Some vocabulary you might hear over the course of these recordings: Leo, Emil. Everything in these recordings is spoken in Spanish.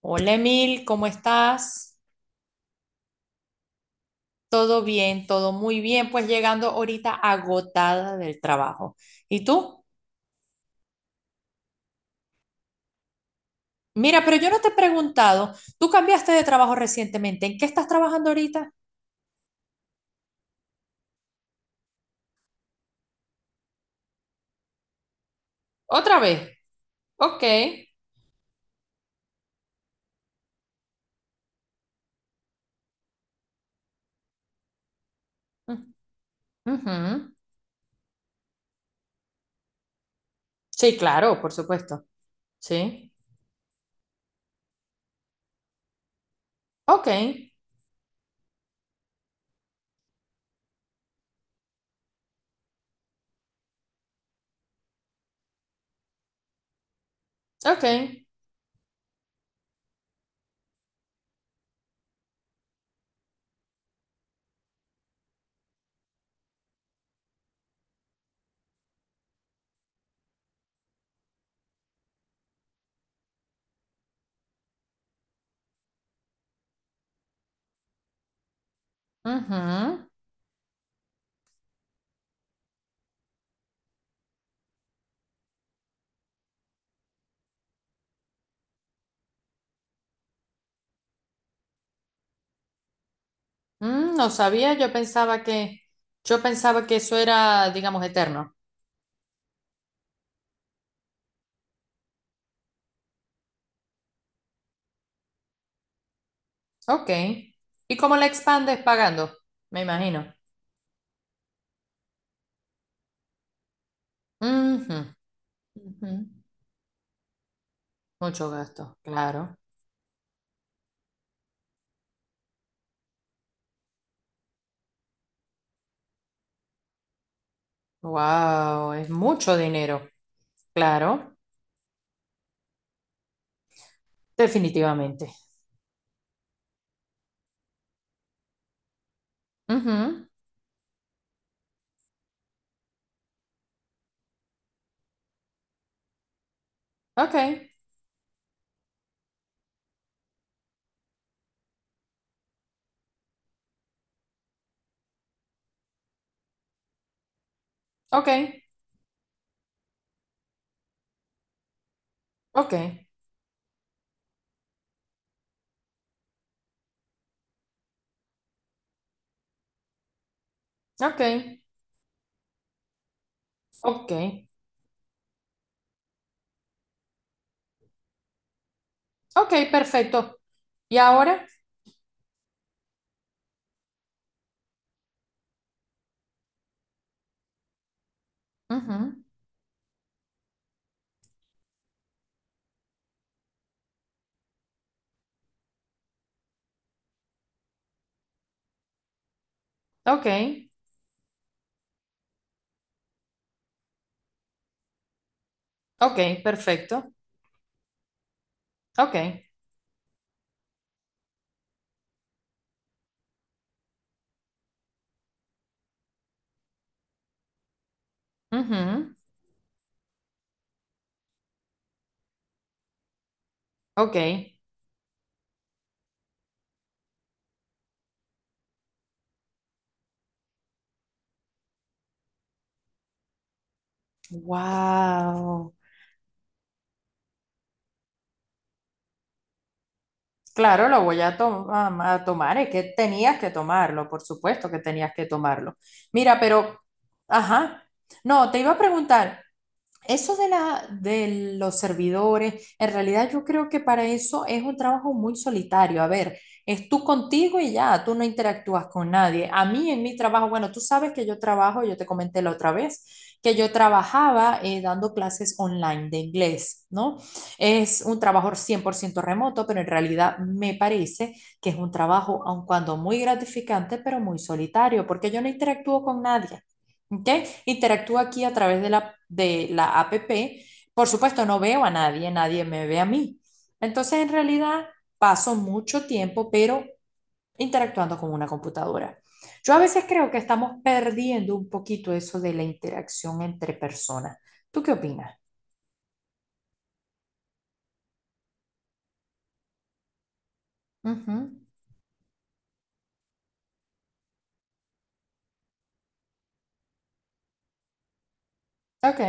Hola Emil, ¿cómo estás? Todo bien, todo muy bien, pues llegando ahorita agotada del trabajo. ¿Y tú? Mira, pero yo no te he preguntado, tú cambiaste de trabajo recientemente, ¿en qué estás trabajando ahorita? Otra vez. Ok. Mm, ujú. Sí, claro, por supuesto. Sí. Ok, ok. Ujú. Mm, no sabía, yo pensaba que eso era, digamos, eterno. Ok. ¿Y cómo la expandes pagando? Me imagino. Ujú, ujú. Mucho gasto, claro. Wow, es mucho dinero, claro, definitivamente. Ujú. Ok, ok, ok, ok, ok, ok, perfecto. ¿Y ahora? Ujú. Ok, ok, perfecto. Ok, ujú, ok. Wow. Claro, lo voy a, tomar, es que tenías que tomarlo, por supuesto que tenías que tomarlo. Mira, pero, ajá, no, te iba a preguntar, eso de la, de los servidores, en realidad yo creo que para eso es un trabajo muy solitario. A ver, es tú contigo y ya, tú no interactúas con nadie. A mí en mi trabajo, bueno, tú sabes que yo trabajo, yo te comenté la otra vez, que yo trabajaba dando clases online de inglés, ¿no? Es un trabajo 100% remoto, pero en realidad me parece que es un trabajo, aun cuando muy gratificante, pero muy solitario, porque yo no interactúo con nadie. ¿Ok? Interactúa aquí a través de la app. Por supuesto, no veo a nadie, nadie me ve a mí. Entonces, en realidad, paso mucho tiempo, pero interactuando con una computadora. Yo a veces creo que estamos perdiendo un poquito eso de la interacción entre personas. ¿Tú qué opinas? Ujú. Ok,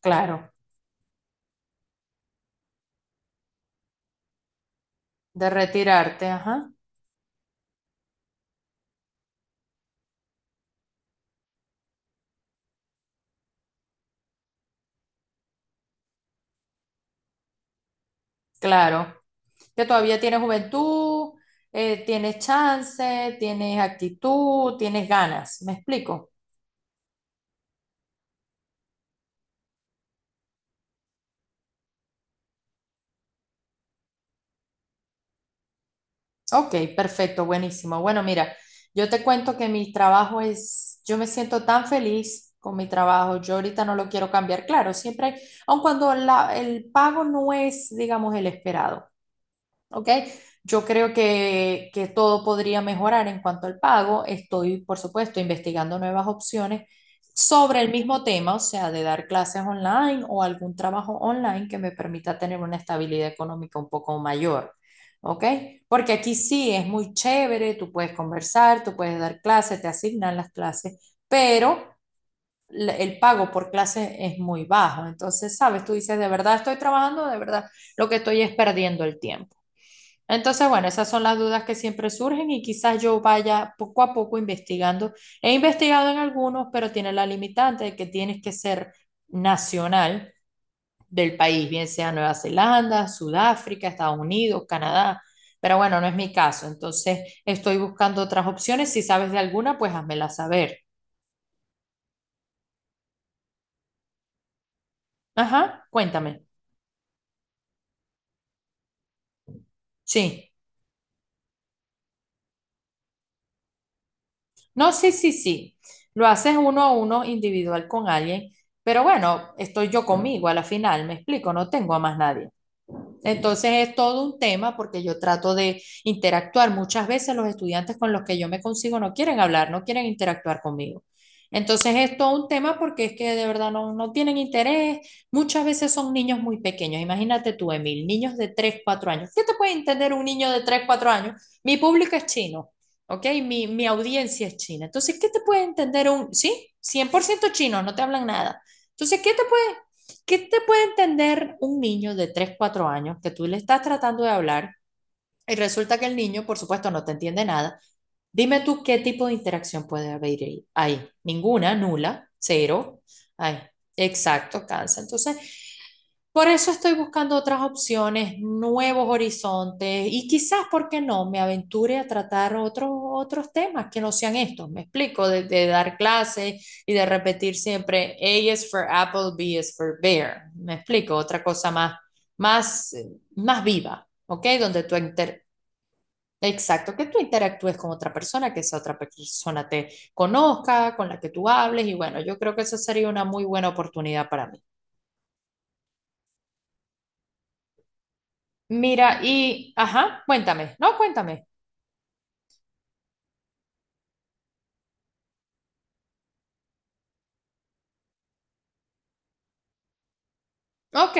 claro. De retirarte, ajá. Claro. Que todavía tienes juventud, tienes chance, tienes actitud, tienes ganas. ¿Me explico? Ok, perfecto, buenísimo. Bueno, mira, yo te cuento que mi trabajo es, yo me siento tan feliz con mi trabajo, yo ahorita no lo quiero cambiar, claro, siempre, aun cuando el pago no es, digamos, el esperado. ¿Ok? Yo creo que todo podría mejorar en cuanto al pago. Estoy, por supuesto, investigando nuevas opciones sobre el mismo tema, o sea, de dar clases online o algún trabajo online que me permita tener una estabilidad económica un poco mayor, ¿ok? Porque aquí sí es muy chévere, tú puedes conversar, tú puedes dar clases, te asignan las clases, pero el pago por clase es muy bajo. Entonces, sabes, tú dices, de verdad estoy trabajando, de verdad lo que estoy es perdiendo el tiempo. Entonces, bueno, esas son las dudas que siempre surgen y quizás yo vaya poco a poco investigando. He investigado en algunos, pero tiene la limitante de que tienes que ser nacional del país, bien sea Nueva Zelanda, Sudáfrica, Estados Unidos, Canadá. Pero bueno, no es mi caso. Entonces, estoy buscando otras opciones. Si sabes de alguna, pues házmela saber. Ajá, cuéntame. Sí. No, sí, sí, sí. Lo haces uno a uno individual con alguien, pero bueno, estoy yo conmigo a la final, me explico, no tengo a más nadie. Entonces es todo un tema porque yo trato de interactuar. Muchas veces los estudiantes con los que yo me consigo no quieren hablar, no quieren interactuar conmigo. Entonces es todo un tema porque es que de verdad no, no tienen interés. Muchas veces son niños muy pequeños. Imagínate tú, Emil, niños de 3 4 años. ¿Qué te puede entender un niño de 3 4 años? Mi público es chino, ¿ok? Mi audiencia es china. Entonces, ¿qué te puede entender un, sí, 100% chino, no te hablan nada. Entonces, ¿qué te puede, ¿Qué te puede entender un niño de 3 4 años que tú le estás tratando de hablar y resulta que el niño, por supuesto, no te entiende nada? Dime tú qué tipo de interacción puede haber ahí. Ninguna, nula, cero. ahí, exacto, cansa. Entonces, por eso estoy buscando otras opciones, nuevos horizontes y quizás, ¿por qué no?, me aventure a tratar otros temas que no sean estos. Me explico, de dar clases y de repetir siempre, A is for apple, B is for bear. Me explico, más, más viva, ¿ok? Donde tú inter- Exacto, que tú interactúes con otra persona, que esa otra persona te conozca, con la que tú hables y bueno, yo creo que esa sería una muy buena oportunidad para mí. Mira, y, ajá, cuéntame, no, cuéntame. Ok,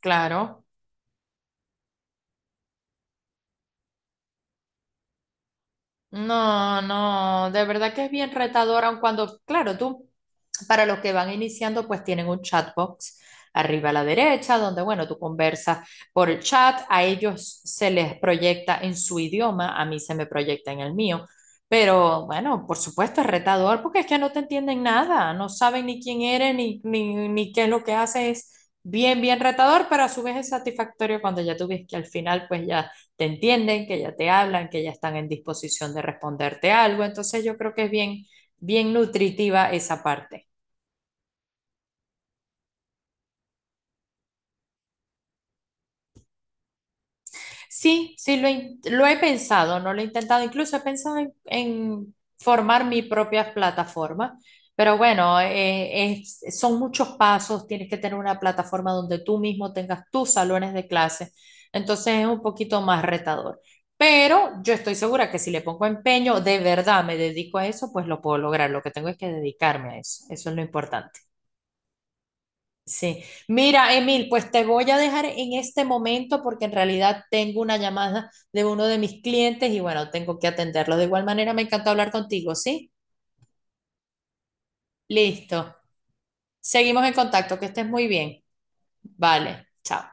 claro. No, no, de verdad que es bien retador, aun cuando, claro, tú, para los que van iniciando, pues tienen un chatbox arriba a la derecha, donde, bueno, tú conversas por el chat, a ellos se les proyecta en su idioma, a mí se me proyecta en el mío, pero bueno, por supuesto es retador porque es que no te entienden nada, no saben ni quién eres, ni qué es lo que haces, es bien retador, pero a su vez es satisfactorio cuando ya tú ves que al final, pues ya te entienden, que ya te hablan, que ya están en disposición de responderte algo. Entonces yo creo que es bien nutritiva esa parte. Lo he pensado, no lo he intentado, incluso he pensado en formar mi propia plataforma, pero bueno, son muchos pasos, tienes que tener una plataforma donde tú mismo tengas tus salones de clase, entonces es un poquito más retador, pero yo estoy segura que si le pongo empeño, de verdad me dedico a eso, pues lo puedo lograr, lo que tengo es que dedicarme a eso, eso es lo importante. Sí, mira, Emil, pues te voy a dejar en este momento porque en realidad tengo una llamada de uno de mis clientes y bueno, tengo que atenderlo. De igual manera, me encanta hablar contigo, ¿sí? Listo. Seguimos en contacto, que estés muy bien. Vale, chao.